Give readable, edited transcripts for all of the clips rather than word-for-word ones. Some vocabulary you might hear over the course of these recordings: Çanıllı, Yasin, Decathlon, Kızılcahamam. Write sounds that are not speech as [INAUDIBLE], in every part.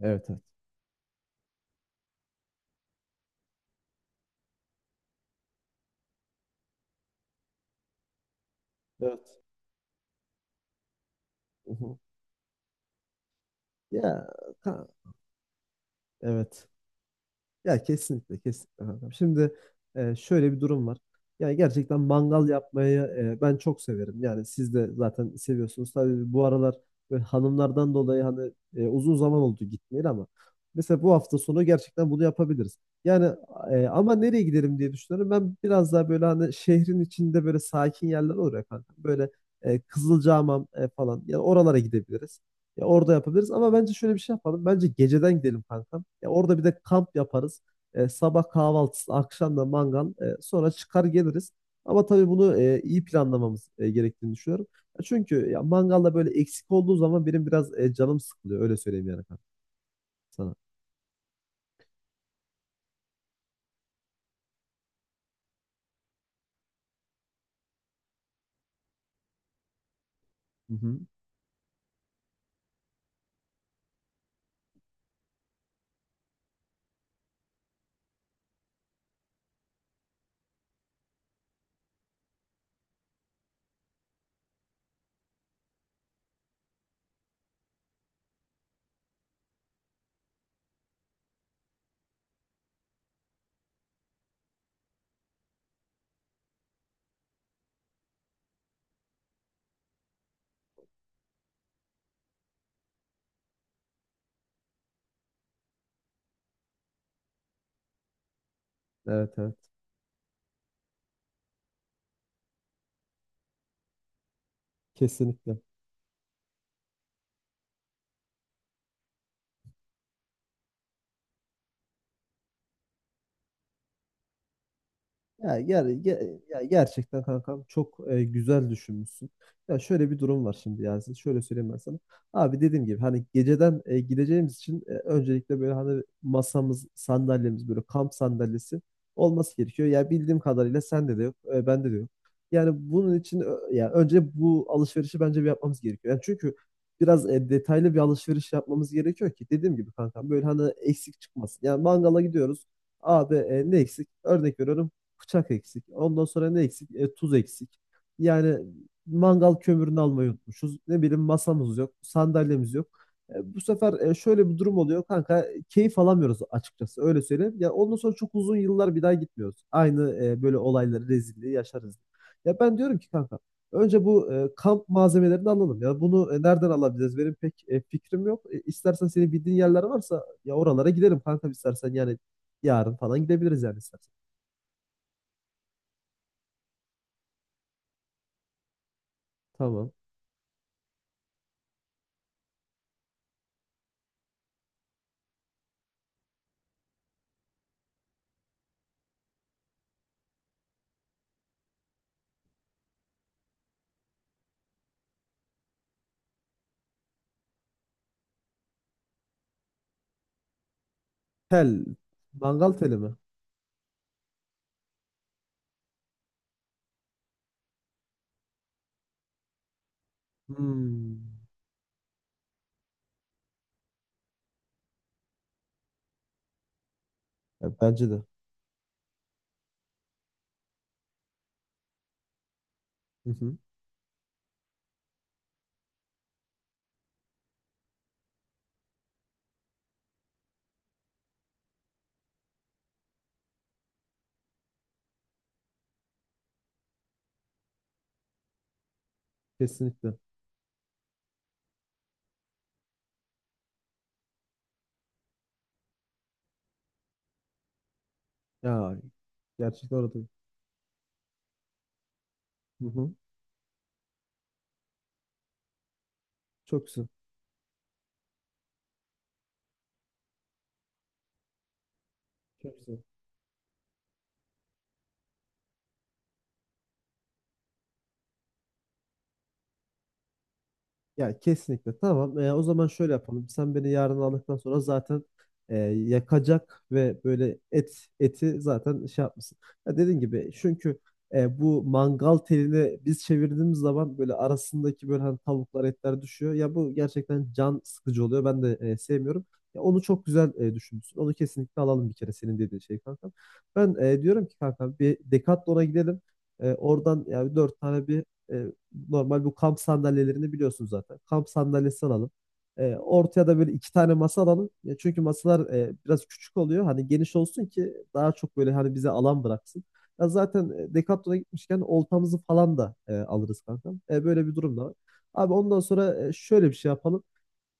Evet, evet. Evet. Hı. Ya, ka- evet. Ya, kesinlikle, kesinlikle, kankam. Şimdi, şöyle bir durum var. Yani, gerçekten mangal yapmayı, ben çok severim. Yani siz de zaten seviyorsunuz. Tabii bu aralar böyle hanımlardan dolayı, hani, uzun zaman oldu gitmeyeli, ama mesela bu hafta sonu gerçekten bunu yapabiliriz. Yani, ama nereye gidelim diye düşünüyorum. Ben biraz daha böyle hani şehrin içinde böyle sakin yerler olur ya, kankam. Böyle, Kızılcahamam, falan. Yani oralara gidebiliriz. Ya orada yapabiliriz ama bence şöyle bir şey yapalım. Bence geceden gidelim, kankam. Ya orada bir de kamp yaparız. Sabah kahvaltısı, akşam da mangal. Sonra çıkar geliriz. Ama tabii bunu iyi planlamamız gerektiğini düşünüyorum. Ya çünkü ya mangalda böyle eksik olduğu zaman benim biraz canım sıkılıyor. Öyle söyleyeyim yani, kankam, sana. Hı hı. Evet, evet. Kesinlikle. Ya, gerçekten, kankam, çok güzel düşünmüşsün. Ya şöyle bir durum var şimdi, Yasin. Şöyle söyleyeyim ben sana. Abi, dediğim gibi hani geceden, gideceğimiz için, öncelikle böyle hani masamız, sandalyemiz böyle kamp sandalyesi olması gerekiyor. Ya bildiğim kadarıyla sende de yok, bende de yok. Yani bunun için ya önce bu alışverişi bence bir yapmamız gerekiyor. Yani çünkü biraz detaylı bir alışveriş yapmamız gerekiyor ki dediğim gibi, kankam, böyle hani eksik çıkmasın. Yani mangala gidiyoruz. Abi, ne eksik? Örnek veriyorum, bıçak eksik. Ondan sonra ne eksik? Tuz eksik. Yani mangal kömürünü almayı unutmuşuz. Ne bileyim, masamız yok, sandalyemiz yok. Bu sefer şöyle bir durum oluyor, kanka. Keyif alamıyoruz açıkçası, öyle söyleyeyim. Ya ondan sonra çok uzun yıllar bir daha gitmiyoruz. Aynı böyle olayları, rezilliği yaşarız. Ya ben diyorum ki, kanka, önce bu kamp malzemelerini alalım ya. Bunu nereden alabiliriz? Benim pek fikrim yok. İstersen senin bildiğin yerler varsa ya oralara gidelim, kanka, istersen, yani yarın falan gidebiliriz yani istersen. Tamam. Tel. Mangal teli mi? Hmm. Ya, bence de. Hı hı. Kesinlikle. Ya, gerçekten orada. Hı hı. Çok güzel. Çok güzel. Ya kesinlikle, tamam. O zaman şöyle yapalım. Sen beni yarın aldıktan sonra zaten yakacak ve böyle et eti zaten şey yapmışsın. Ya dediğin gibi, çünkü bu mangal telini biz çevirdiğimiz zaman böyle arasındaki böyle hani tavuklar, etler düşüyor. Ya bu gerçekten can sıkıcı oluyor. Ben de sevmiyorum. Ya onu çok güzel düşünmüşsün. Onu kesinlikle alalım, bir kere senin dediğin şey, kankam. Ben diyorum ki, kankam, bir Decathlon'a gidelim. Oradan yani dört tane bir e, normal bu kamp sandalyelerini biliyorsun zaten. Kamp sandalyesi alalım. Ortaya da böyle iki tane masa alalım. Ya çünkü masalar biraz küçük oluyor. Hani geniş olsun ki daha çok böyle hani bize alan bıraksın. Ya zaten Decathlon'a gitmişken oltamızı falan da alırız, kanka. Böyle bir durum da var. Abi, ondan sonra şöyle bir şey yapalım.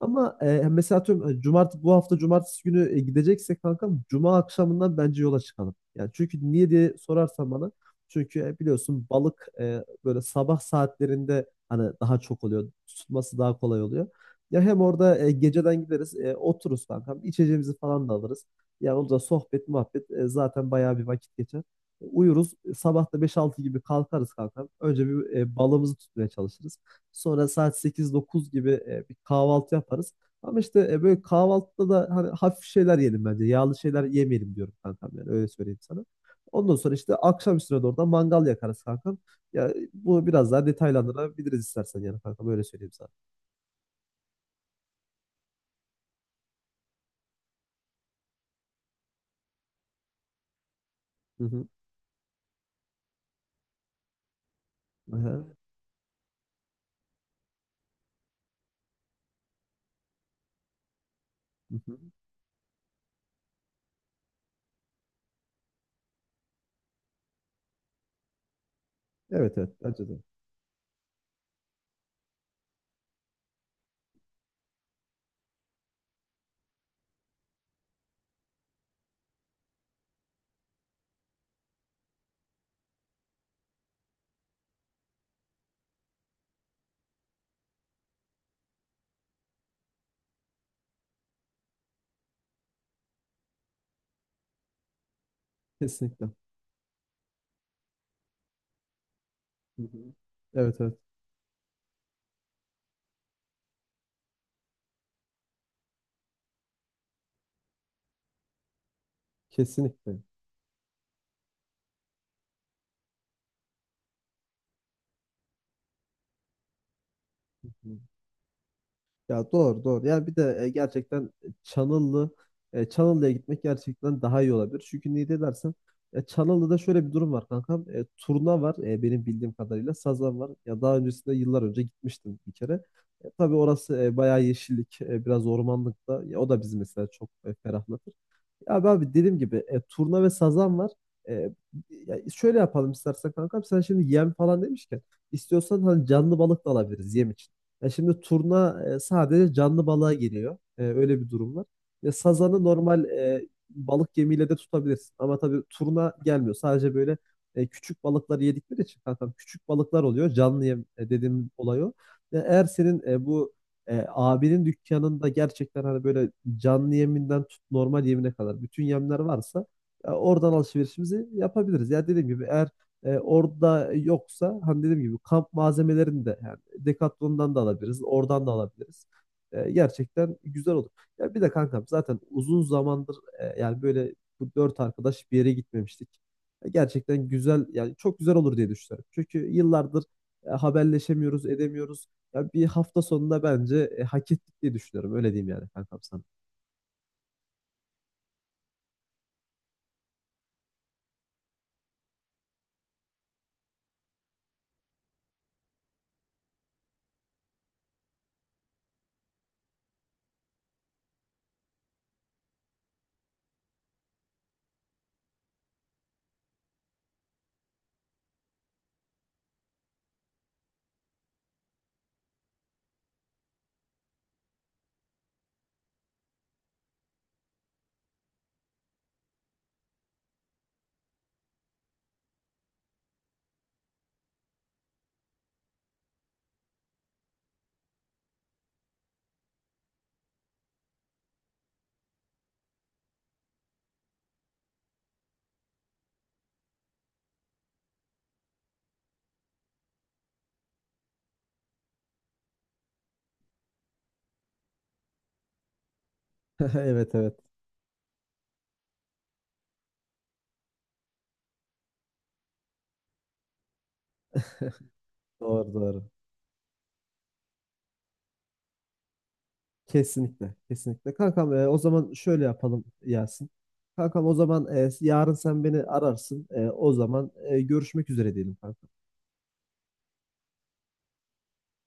Ama mesela atıyorum hani bu hafta cumartesi günü gideceksek, kankam, cuma akşamından bence yola çıkalım. Yani çünkü niye diye sorarsan bana, çünkü biliyorsun balık böyle sabah saatlerinde hani daha çok oluyor. Tutması daha kolay oluyor. Ya hem orada geceden gideriz, otururuz, kankam, içeceğimizi falan da alırız. Yani orada sohbet muhabbet zaten bayağı bir vakit geçer. Uyuruz. Sabah da 5-6 gibi kalkarız, kankam. Önce bir balığımızı tutmaya çalışırız. Sonra saat 8-9 gibi bir kahvaltı yaparız. Ama işte böyle kahvaltıda da hani hafif şeyler yiyelim bence. Yağlı şeyler yemeyelim diyorum, kankam, yani öyle söyleyeyim sana. Ondan sonra işte akşam üstüne doğru da mangal yakarız, kankam. Ya bu biraz daha detaylandırabiliriz istersen, yani, kankam, öyle söyleyeyim sana. Hı hı. Aha. Hı hı. Evet, evet, bence de. Kesinlikle. Hı hı. Evet, evet, kesinlikle. Hı hı. Ya, doğru, doğru. Ya bir de gerçekten Çanıllı Çanıllı'ya gitmek gerçekten daha iyi olabilir. Çünkü niye de dersen Çanıllı'da şöyle bir durum var, kankam. Turna var benim bildiğim kadarıyla. Sazan var. Ya daha öncesinde yıllar önce gitmiştim bir kere. Tabii orası bayağı yeşillik, biraz ormanlık da. Ya, o da bizi mesela çok ferahlatır. Abi, abi, dediğim gibi turna ve sazan var. E, ya şöyle yapalım istersen, kankam. Sen şimdi yem falan demişken istiyorsan hani canlı balık da alabiliriz yem için. Ya şimdi turna sadece canlı balığa geliyor. Öyle bir durum var. Ya sazanı normal balık yemiyle de tutabilirsin. Ama tabii turna gelmiyor. Sadece böyle küçük balıkları yedikleri için, kankam, küçük balıklar oluyor. Canlı yem, dediğim olay o. Ya eğer senin bu abinin dükkanında gerçekten hani böyle canlı yeminden tut normal yemine kadar bütün yemler varsa oradan alışverişimizi yapabiliriz. Ya dediğim gibi, eğer orada yoksa hani dediğim gibi kamp malzemelerini de yani Decathlon'dan da alabiliriz, oradan da alabiliriz. Gerçekten güzel olur. Ya bir de, kankam, zaten uzun zamandır yani böyle bu dört arkadaş bir yere gitmemiştik. Gerçekten güzel, yani çok güzel olur diye düşünüyorum. Çünkü yıllardır haberleşemiyoruz, edemiyoruz. Ya, bir hafta sonunda bence hak ettik diye düşünüyorum. Öyle diyeyim yani, kankam, sana. [LAUGHS] Evet, evet, doğru, doğru. Kesinlikle, kesinlikle. Kankam, o zaman şöyle yapalım, Yasin. Kankam, o zaman yarın sen beni ararsın. O zaman görüşmek üzere diyelim, kankam.